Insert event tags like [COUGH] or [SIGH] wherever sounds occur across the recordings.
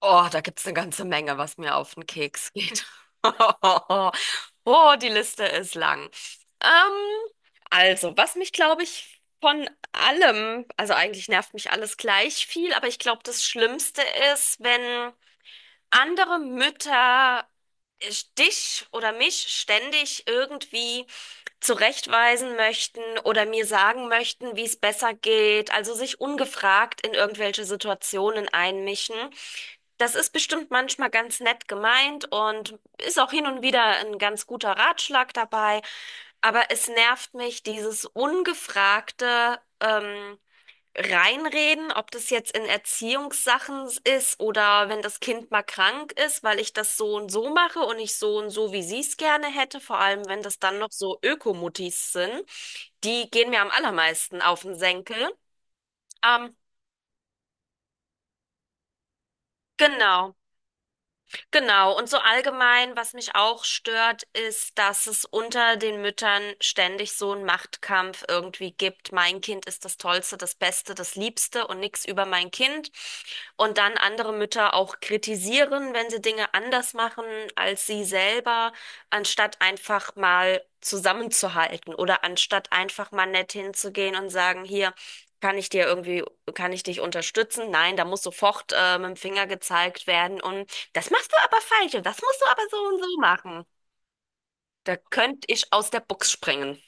Oh, da gibt's eine ganze Menge, was mir auf den Keks geht. [LAUGHS] Oh, die Liste ist lang. Ähm, also, was mich, glaube ich, von allem, also eigentlich nervt mich alles gleich viel, aber ich glaube, das Schlimmste ist, wenn andere Mütter äh, dich oder mich ständig irgendwie zurechtweisen möchten oder mir sagen möchten, wie es besser geht, also sich ungefragt in irgendwelche Situationen einmischen. Das ist bestimmt manchmal ganz nett gemeint und ist auch hin und wieder ein ganz guter Ratschlag dabei, aber es nervt mich, dieses ungefragte reinreden, ob das jetzt in Erziehungssachen ist oder wenn das Kind mal krank ist, weil ich das so und so mache und ich so und so, wie sie es gerne hätte, vor allem wenn das dann noch so Ökomutis sind, die gehen mir am allermeisten auf den Senkel. Ähm, genau. Genau, und so allgemein, was mich auch stört, ist, dass es unter den Müttern ständig so einen Machtkampf irgendwie gibt. Mein Kind ist das Tollste, das Beste, das Liebste und nichts über mein Kind. Und dann andere Mütter auch kritisieren, wenn sie Dinge anders machen als sie selber, anstatt einfach mal zusammenzuhalten oder anstatt einfach mal nett hinzugehen und sagen, hier, kann ich dir irgendwie, kann ich dich unterstützen? Nein, da muss sofort mit dem Finger gezeigt werden. Und das machst du aber falsch und das musst du aber so und so machen. Da könnte ich aus der Box springen.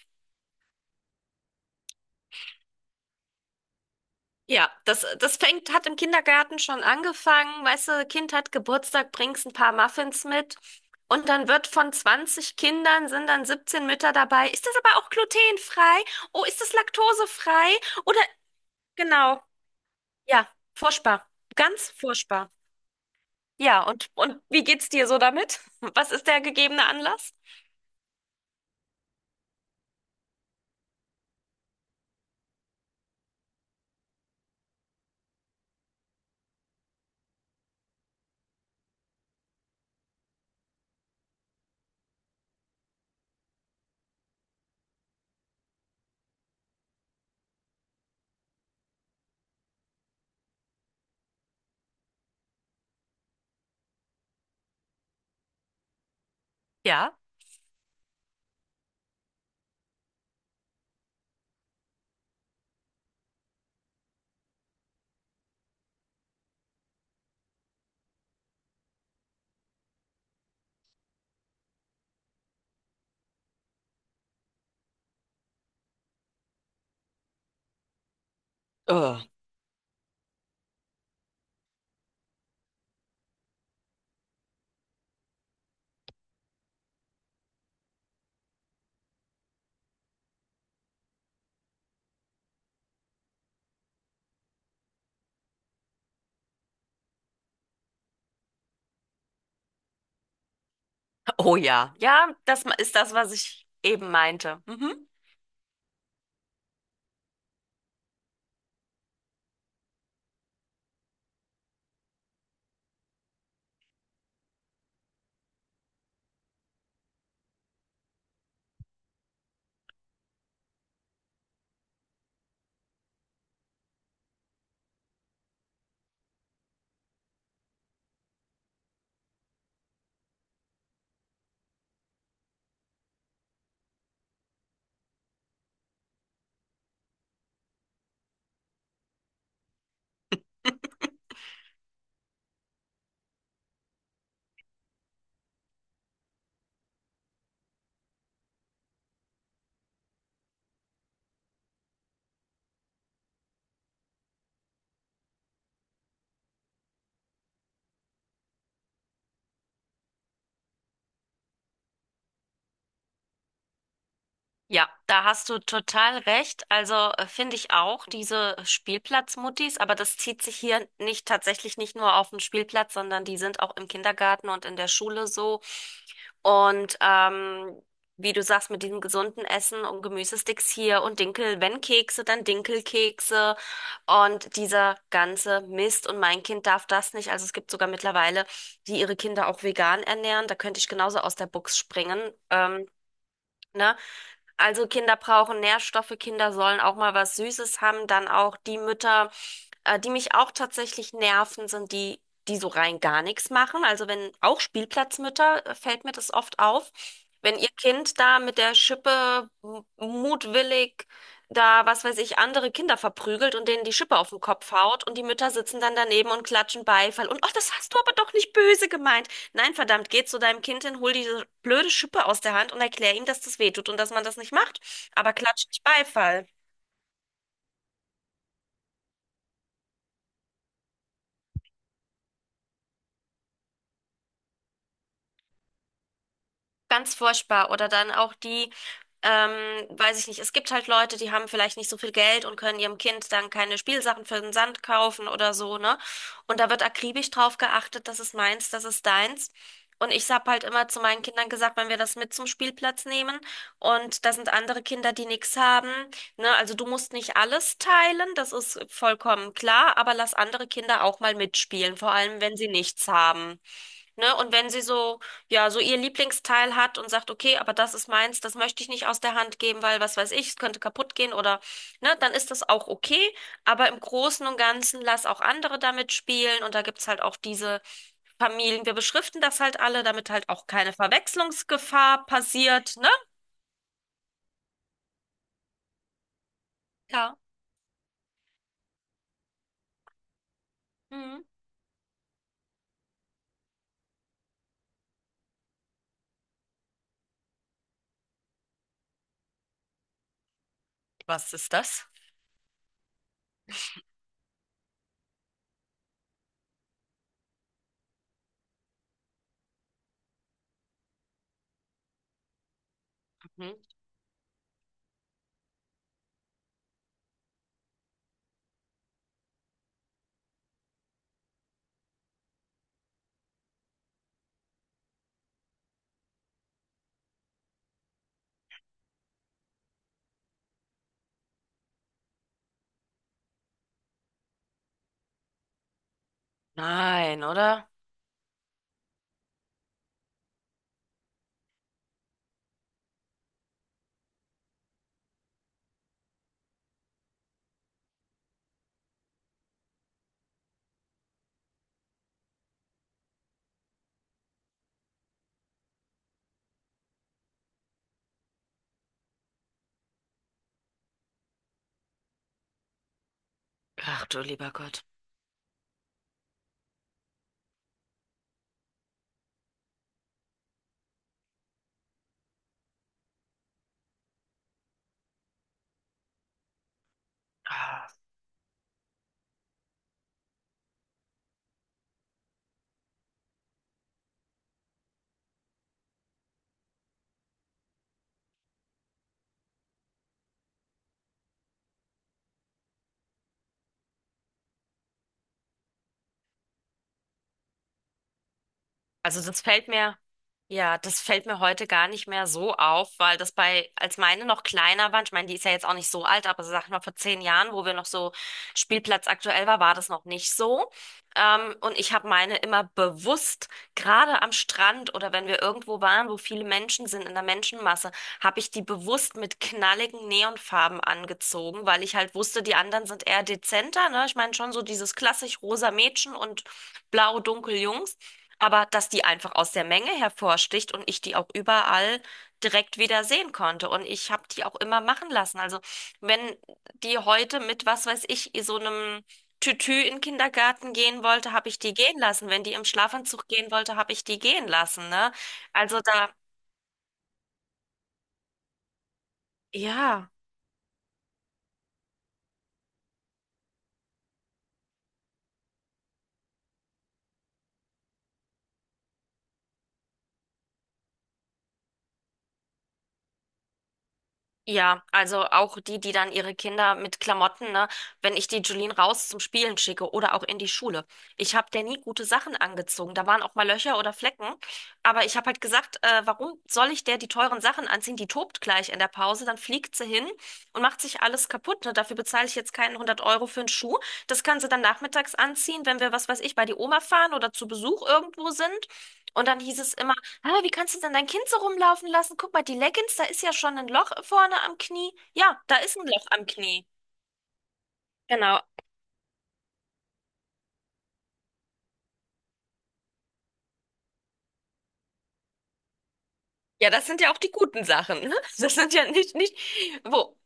Ja, das fängt, hat im Kindergarten schon angefangen. Weißt du, Kind hat Geburtstag, bringst ein paar Muffins mit. Und dann wird von 20 Kindern sind dann 17 Mütter dabei. Ist das aber auch glutenfrei? Oh, ist das laktosefrei? Oder genau, ja, furchtbar. Ganz furchtbar. Ja, und wie geht's dir so damit? Was ist der gegebene Anlass? Ja. Äh. Oh ja, ja, ist das, was ich eben meinte. Mhm. Ja, da hast du total recht. Also finde ich auch diese Spielplatzmuttis, aber das zieht sich hier nicht tatsächlich nicht nur auf den Spielplatz, sondern die sind auch im Kindergarten und in der Schule so. Und wie du sagst, mit diesem gesunden Essen und Gemüsesticks hier und Dinkel, wenn Kekse, dann Dinkelkekse und dieser ganze Mist. Und mein Kind darf das nicht. Also es gibt sogar mittlerweile, die ihre Kinder auch vegan ernähren. Da könnte ich genauso aus der Box springen. Ähm, ne? Also Kinder brauchen Nährstoffe, Kinder sollen auch mal was Süßes haben. Dann auch die Mütter, die mich auch tatsächlich nerven, sind die, die so rein gar nichts machen. Also wenn auch Spielplatzmütter, fällt mir das oft auf, wenn ihr Kind da mit der mutwillig da, was weiß ich, andere Kinder verprügelt und denen die Schippe auf den Kopf haut und die Mütter sitzen dann daneben und klatschen Beifall und, oh, das hast du aber doch nicht böse gemeint. Nein, verdammt, geh zu deinem Kind hin, hol diese blöde Schippe aus der Hand und erklär ihm, dass das weh tut und dass man das nicht macht. Aber klatsch nicht Beifall. Ganz furchtbar. Oder dann auch die, ähm, weiß ich nicht, es gibt halt Leute, die haben vielleicht nicht so viel Geld und können ihrem Kind dann keine Spielsachen für den Sand kaufen oder so, ne? Und da wird akribisch drauf geachtet, das ist meins, das ist deins. Und ich habe halt immer zu meinen Kindern gesagt, wenn wir das mit zum Spielplatz nehmen und da sind andere Kinder, die nichts haben, ne? Also du musst nicht alles teilen, das ist vollkommen klar, aber lass andere Kinder auch mal mitspielen, vor allem wenn sie nichts haben. Ne? Und wenn sie so, ja, so ihr Lieblingsteil hat und sagt, okay, aber das ist meins, das möchte ich nicht aus der Hand geben, weil was weiß ich, es könnte kaputt gehen oder, ne, dann ist das auch okay. Aber im Großen und Ganzen lass auch andere damit spielen und da gibt's halt auch diese Familien. Wir beschriften das halt alle, damit halt auch keine Verwechslungsgefahr passiert, ne? Ja. Mhm. Was ist das? Mhm. Nein, oder? Ach du lieber Gott. Ah. Also das fällt mir. Ja, das fällt mir heute gar nicht mehr so auf, weil das bei, als meine noch kleiner waren, ich meine, die ist ja jetzt auch nicht so alt, aber sag mal, vor 10 Jahren, wo wir noch so Spielplatz aktuell war, war das noch nicht so. Und ich habe meine immer bewusst, gerade am Strand oder wenn wir irgendwo waren, wo viele Menschen sind, in der Menschenmasse, habe ich die bewusst mit knalligen Neonfarben angezogen, weil ich halt wusste, die anderen sind eher dezenter, ne? Ich meine schon so dieses klassisch rosa Mädchen und blau dunkel Jungs. Aber dass die einfach aus der Menge hervorsticht und ich die auch überall direkt wieder sehen konnte. Und ich habe die auch immer machen lassen. Also wenn die heute mit, was weiß ich, so einem Tütü in den Kindergarten gehen wollte, habe ich die gehen lassen. Wenn die im Schlafanzug gehen wollte, habe ich die gehen lassen, ne? Also da, ja. Ja, also auch die, die dann ihre Kinder mit Klamotten, ne, wenn ich die Julien raus zum Spielen schicke oder auch in die Schule. Ich habe der nie gute Sachen angezogen. Da waren auch mal Löcher oder Flecken. Aber ich habe halt gesagt, warum soll ich der die teuren Sachen anziehen? Die tobt gleich in der Pause, dann fliegt sie hin und macht sich alles kaputt. Ne? Dafür bezahle ich jetzt keinen 100 Euro für einen Schuh. Das kann sie dann nachmittags anziehen, wenn wir, was weiß ich, bei die Oma fahren oder zu Besuch irgendwo sind. Und dann hieß es immer, aber wie kannst du denn dein Kind so rumlaufen lassen? Guck mal, die Leggings, da ist ja schon ein Loch vorne am Knie. Ja, da ist ein Loch am Knie. Genau. Ja, das sind ja auch die guten Sachen, ne? Das sind ja nicht, nicht, wo,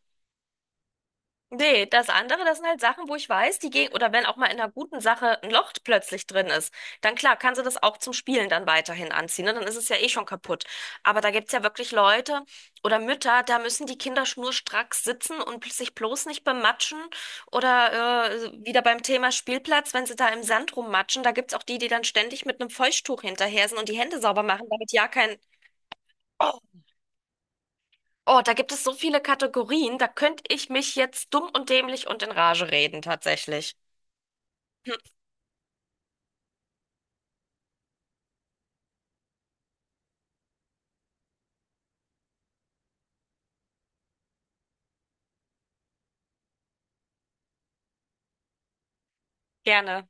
nee, das andere, das sind halt Sachen, wo ich weiß, die gehen, oder wenn auch mal in einer guten Sache ein Loch plötzlich drin ist, dann klar, kann sie das auch zum Spielen dann weiterhin anziehen, ne? Dann ist es ja eh schon kaputt. Aber da gibt's ja wirklich Leute oder Mütter, da müssen die Kinder schnurstracks sitzen und sich bloß nicht bematschen oder wieder beim Thema Spielplatz, wenn sie da im Sand rummatschen, da gibt's auch die, die dann ständig mit einem Feuchttuch hinterher sind und die Hände sauber machen, damit ja kein, oh, oh, da gibt es so viele Kategorien, da könnte ich mich jetzt dumm und dämlich und in Rage reden, tatsächlich. [LAUGHS] gerne.